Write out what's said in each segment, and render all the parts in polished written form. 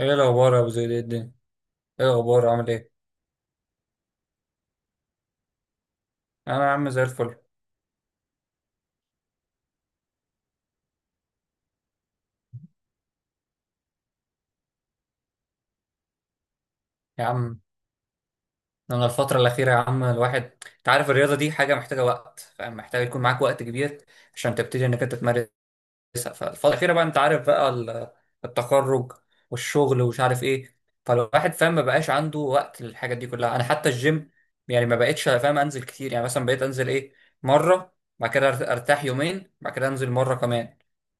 ايه الاخبار يا ابو زيد؟ ايه الدنيا، ايه الاخبار، عامل ايه؟ انا يا عم زي الفل. يا عم، انا الفتره الاخيره يا عم الواحد، انت عارف الرياضه دي حاجه محتاجه وقت، فاهم؟ محتاج يكون معاك وقت كبير عشان تبتدي انك انت تمارس كويسه. فالفتره الاخيره بقى انت عارف بقى التخرج والشغل ومش عارف ايه، فالواحد فاهم ما بقاش عنده وقت للحاجات دي كلها. انا حتى الجيم يعني ما بقتش فاهم انزل كتير، يعني مثلا بقيت انزل ايه، مره، بعد كده ارتاح يومين بعد كده انزل مره كمان.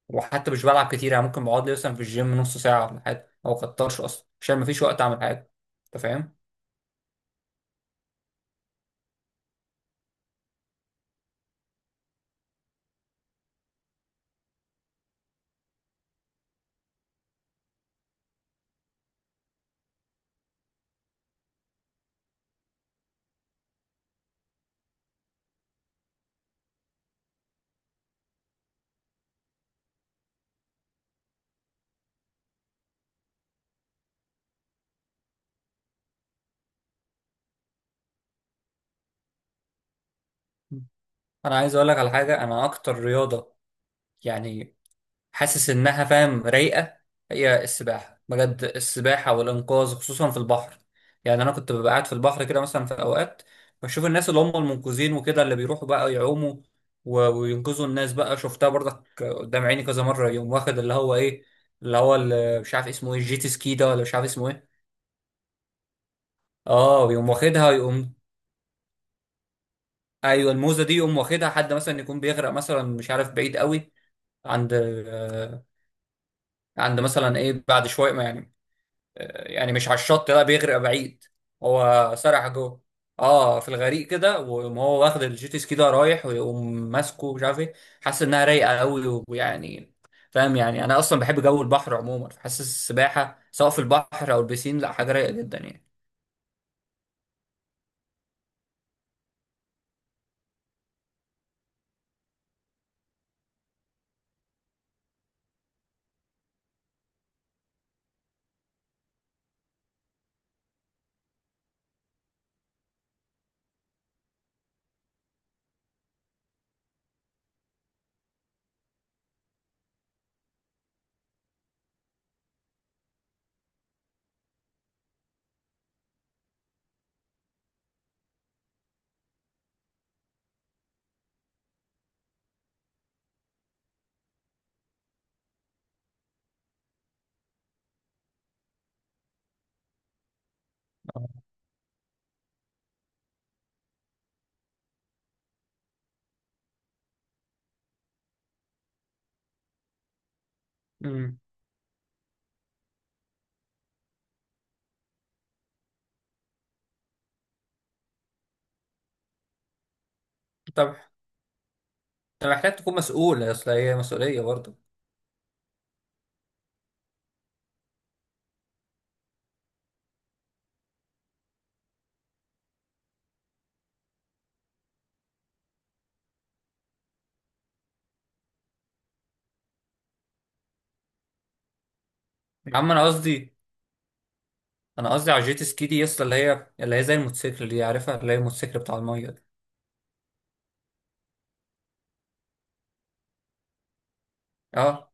وحتى مش بلعب كتير، يعني ممكن بقعد لي مثلا في الجيم نص ساعه ولا حاجه او كترش اصلا عشان ما فيش وقت اعمل حاجه. انت فاهم؟ انا عايز اقول لك على حاجه، انا اكتر رياضه يعني حاسس انها فاهم رايقه هي السباحه، بجد السباحه والانقاذ خصوصا في البحر. يعني انا كنت ببقى قاعد في البحر كده مثلا في اوقات بشوف الناس اللي هم المنقذين وكده اللي بيروحوا بقى يعوموا وينقذوا الناس، بقى شفتها برضك قدام عيني كذا مره، يقوم واخد اللي هو ايه، اللي هو اللي مش عارف اسمه ايه، الجيت سكي ده، ولا مش عارف اسمه ايه. اه يقوم واخدها يقوم. ايوه الموزه دي يقوم واخدها، حد مثلا يكون بيغرق مثلا مش عارف بعيد قوي، عند، آه، عند مثلا ايه بعد شويه يعني، يعني مش على الشط، لا، بيغرق بعيد. هو سرح جوه. اه في الغريق كده، ويقوم هو واخد الجيت سكي ده رايح ويقوم ماسكه مش عارف ايه. حاسس انها رايقه قوي ويعني فاهم. يعني انا اصلا بحب جو البحر عموما، فحاسس السباحه سواء في البحر او البسين لا حاجه رايقه جدا يعني. امم طب انت محتاج تكون مسؤول، اصل هي مسؤوليه برضه. يا عم انا قصدي، انا قصدي على الجيت سكي دي اصلا اللي هي اللي هي زي الموتوسيكل دي، عارفها؟ اللي هي الموتوسيكل بتاع الميه ده. اه.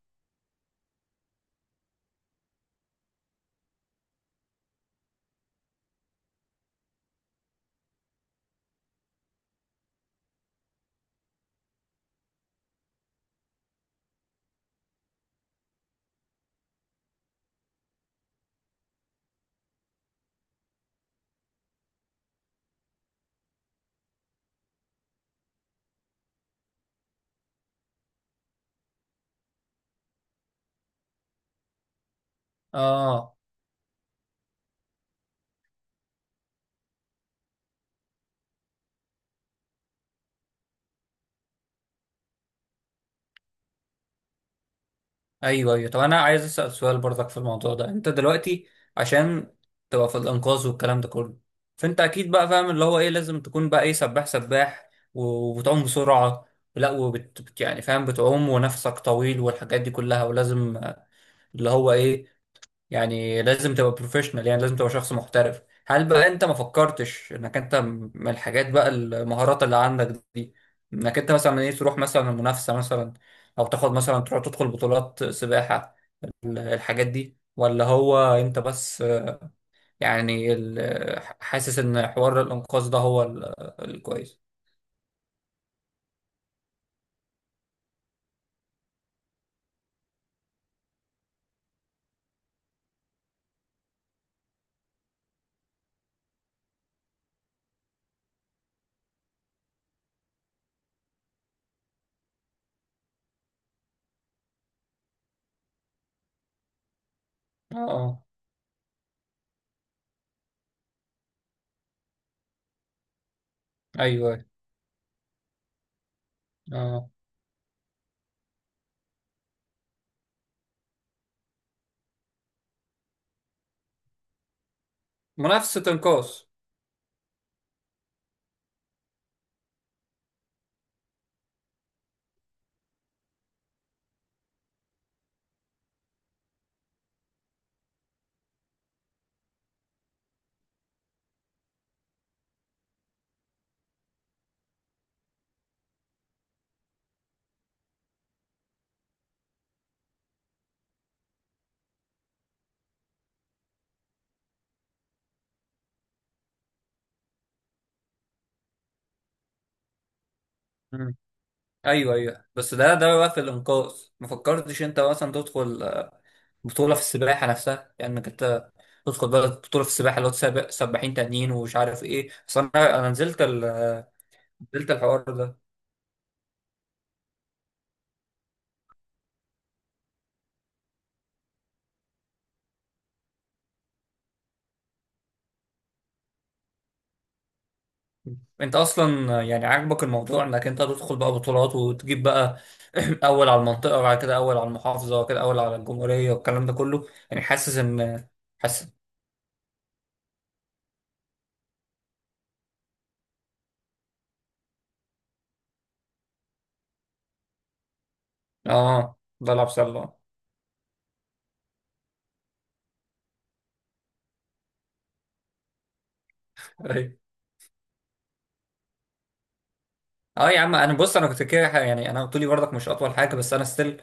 اه. ايوه ايوه. طب انا عايز اسال سؤال برضك في الموضوع ده. انت دلوقتي عشان تبقى في الانقاذ والكلام ده كله، فانت اكيد بقى فاهم اللي هو ايه، لازم تكون بقى ايه، سباح، سباح وبتعوم بسرعه، لا وبت يعني فاهم بتعوم ونفسك طويل والحاجات دي كلها، ولازم اللي هو ايه، يعني لازم تبقى بروفيشنال، يعني لازم تبقى شخص محترف. هل بقى انت ما فكرتش انك انت من الحاجات بقى، المهارات اللي عندك دي، انك انت مثلا ايه تروح مثلا المنافسه مثلا، او تاخد مثلا تروح تدخل بطولات سباحه، الحاجات دي؟ ولا هو انت بس يعني حاسس ان حوار الانقاذ ده هو الكويس. اه. آه. ايوه. أيوة. اه. منافسة انقاذ. مم. ايوه ايوه، بس ده ده بقى في الانقاذ. ما فكرتش انت مثلا تدخل بطولة في السباحة نفسها، يعني انك انت تدخل بقى بطولة في السباحة، اللي هو تسابق سباحين تانيين ومش عارف ايه، اصل انا انا نزلت ال... نزلت الحوار ده. انت اصلا يعني عاجبك الموضوع انك انت تدخل بقى بطولات وتجيب بقى اول على المنطقه، وبعد كده اول على المحافظه، وبعد كده اول على الجمهوريه والكلام ده كله، يعني حاسس ان، حاسس. اه بلعب سله. ايوه. اه يا عم انا بص، انا كنت كده يعني، انا طولي برضك مش اطول حاجه بس انا ستيل،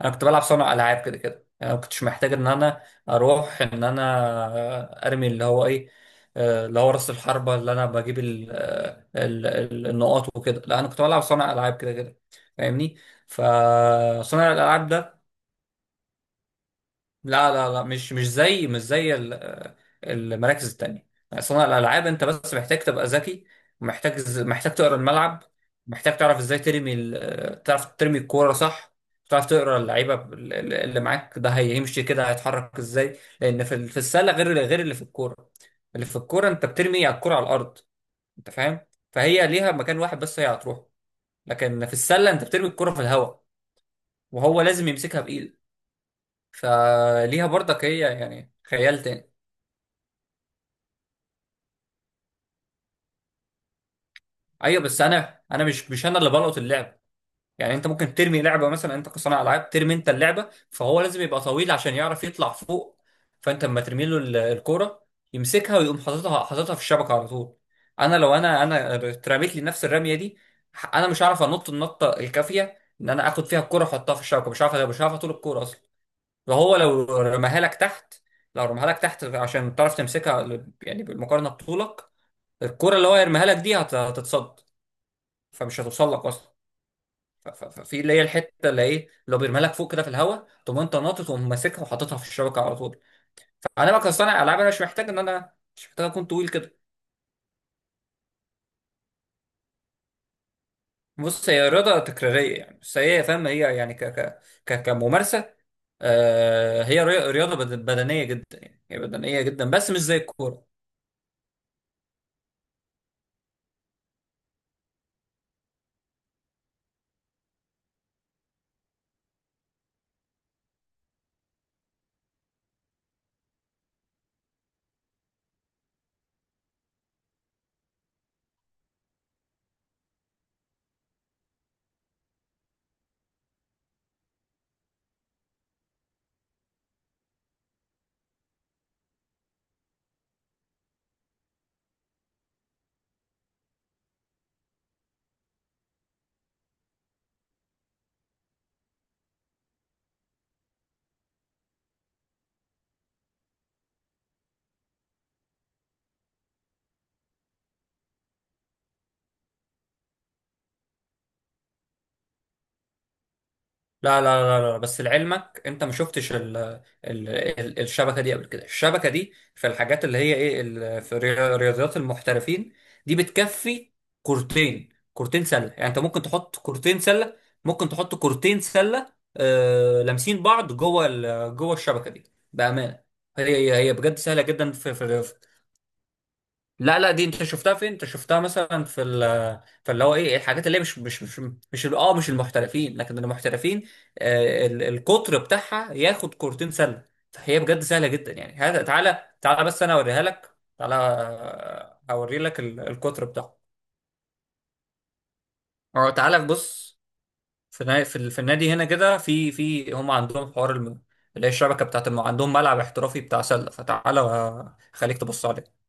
انا كنت بلعب صانع العاب كده كده، يعني ما كنتش محتاج ان انا اروح ان انا ارمي اللي هو ايه، اللي هو راس الحربه اللي انا بجيب ال آه، ال ال النقاط وكده، لا انا كنت بلعب صانع العاب كده كده، فاهمني؟ فصانع الالعاب ده، لا لا لا مش مش زي مش زي المراكز التانية. صناعة الألعاب أنت بس محتاج تبقى ذكي، محتاج تقرا الملعب، محتاج تعرف إزاي ترمي تعرف ترمي الكورة صح، تعرف تقرا اللعيبة اللي معاك ده هيمشي كده، هيتحرك إزاي، لأن في في السلة غير، اللي في الكورة اللي في الكورة أنت بترمي على الكورة على الأرض، أنت فاهم؟ فهي ليها مكان واحد بس هي هتروح، لكن في السلة أنت بترمي الكورة في الهواء وهو لازم يمسكها، فليها برضك هي يعني خيال تاني. ايوه بس انا مش مش انا اللي بلقط اللعب، يعني انت ممكن ترمي لعبه مثلا، انت كصانع العاب ترمي انت اللعبه فهو لازم يبقى طويل عشان يعرف يطلع فوق، فانت اما ترمي له الكوره يمسكها ويقوم حاططها، حاططها في الشبكه على طول. انا لو انا اترميت لي نفس الرميه دي، انا مش عارف انط النطه الكافيه ان انا اخد فيها الكوره واحطها في الشبكه، مش عارف، مش عارف طول الكوره اصلا. وهو لو رماها لك تحت، لو رماها لك تحت عشان تعرف تمسكها يعني بالمقارنه بطولك، الكرة اللي هو يرميها لك دي هتتصد فمش هتوصل لك اصلا، ف- ف- ففي اللي هي الحته اللي ايه اللي هو بيرميها لك فوق كده في الهواء تقوم انت ناطط وماسكها وحاططها في الشبكه على طول. فانا بقى كصانع العاب انا مش محتاج ان انا مش محتاج اكون طويل كده. بص هي رياضه تكراريه يعني، بس هي فاهم هي يعني ك كممارسه آه هي رياضه بدنيه جدا، يعني هي بدنيه جدا بس مش زي الكوره. لا لا لا لا لا، بس لعلمك انت ما شفتش ال الشبكه دي قبل كده، الشبكه دي في الحاجات اللي هي ايه في رياضيات المحترفين دي بتكفي كورتين، كورتين سله، يعني انت ممكن تحط كورتين سله، ممكن تحط كورتين سله آه لامسين بعض جوه جوه الشبكه دي، بامانه. هي بجد سهله جدا في. لا لا، دي انت شفتها فين؟ انت شفتها مثلا في ال، في اللي هو ايه، الحاجات اللي هي مش اه مش المحترفين، لكن المحترفين آه القطر بتاعها ياخد كورتين سله، فهي بجد سهله جدا يعني هذا. تعالى بس انا اوريها لك، تعالى اوري لك القطر بتاعه. اه تعالى بص، في في في النادي هنا كده في في هم عندهم حوار اللي هي الشبكه بتاعت الم... عندهم ملعب احترافي بتاع سله، فتعالى خليك تبص عليه.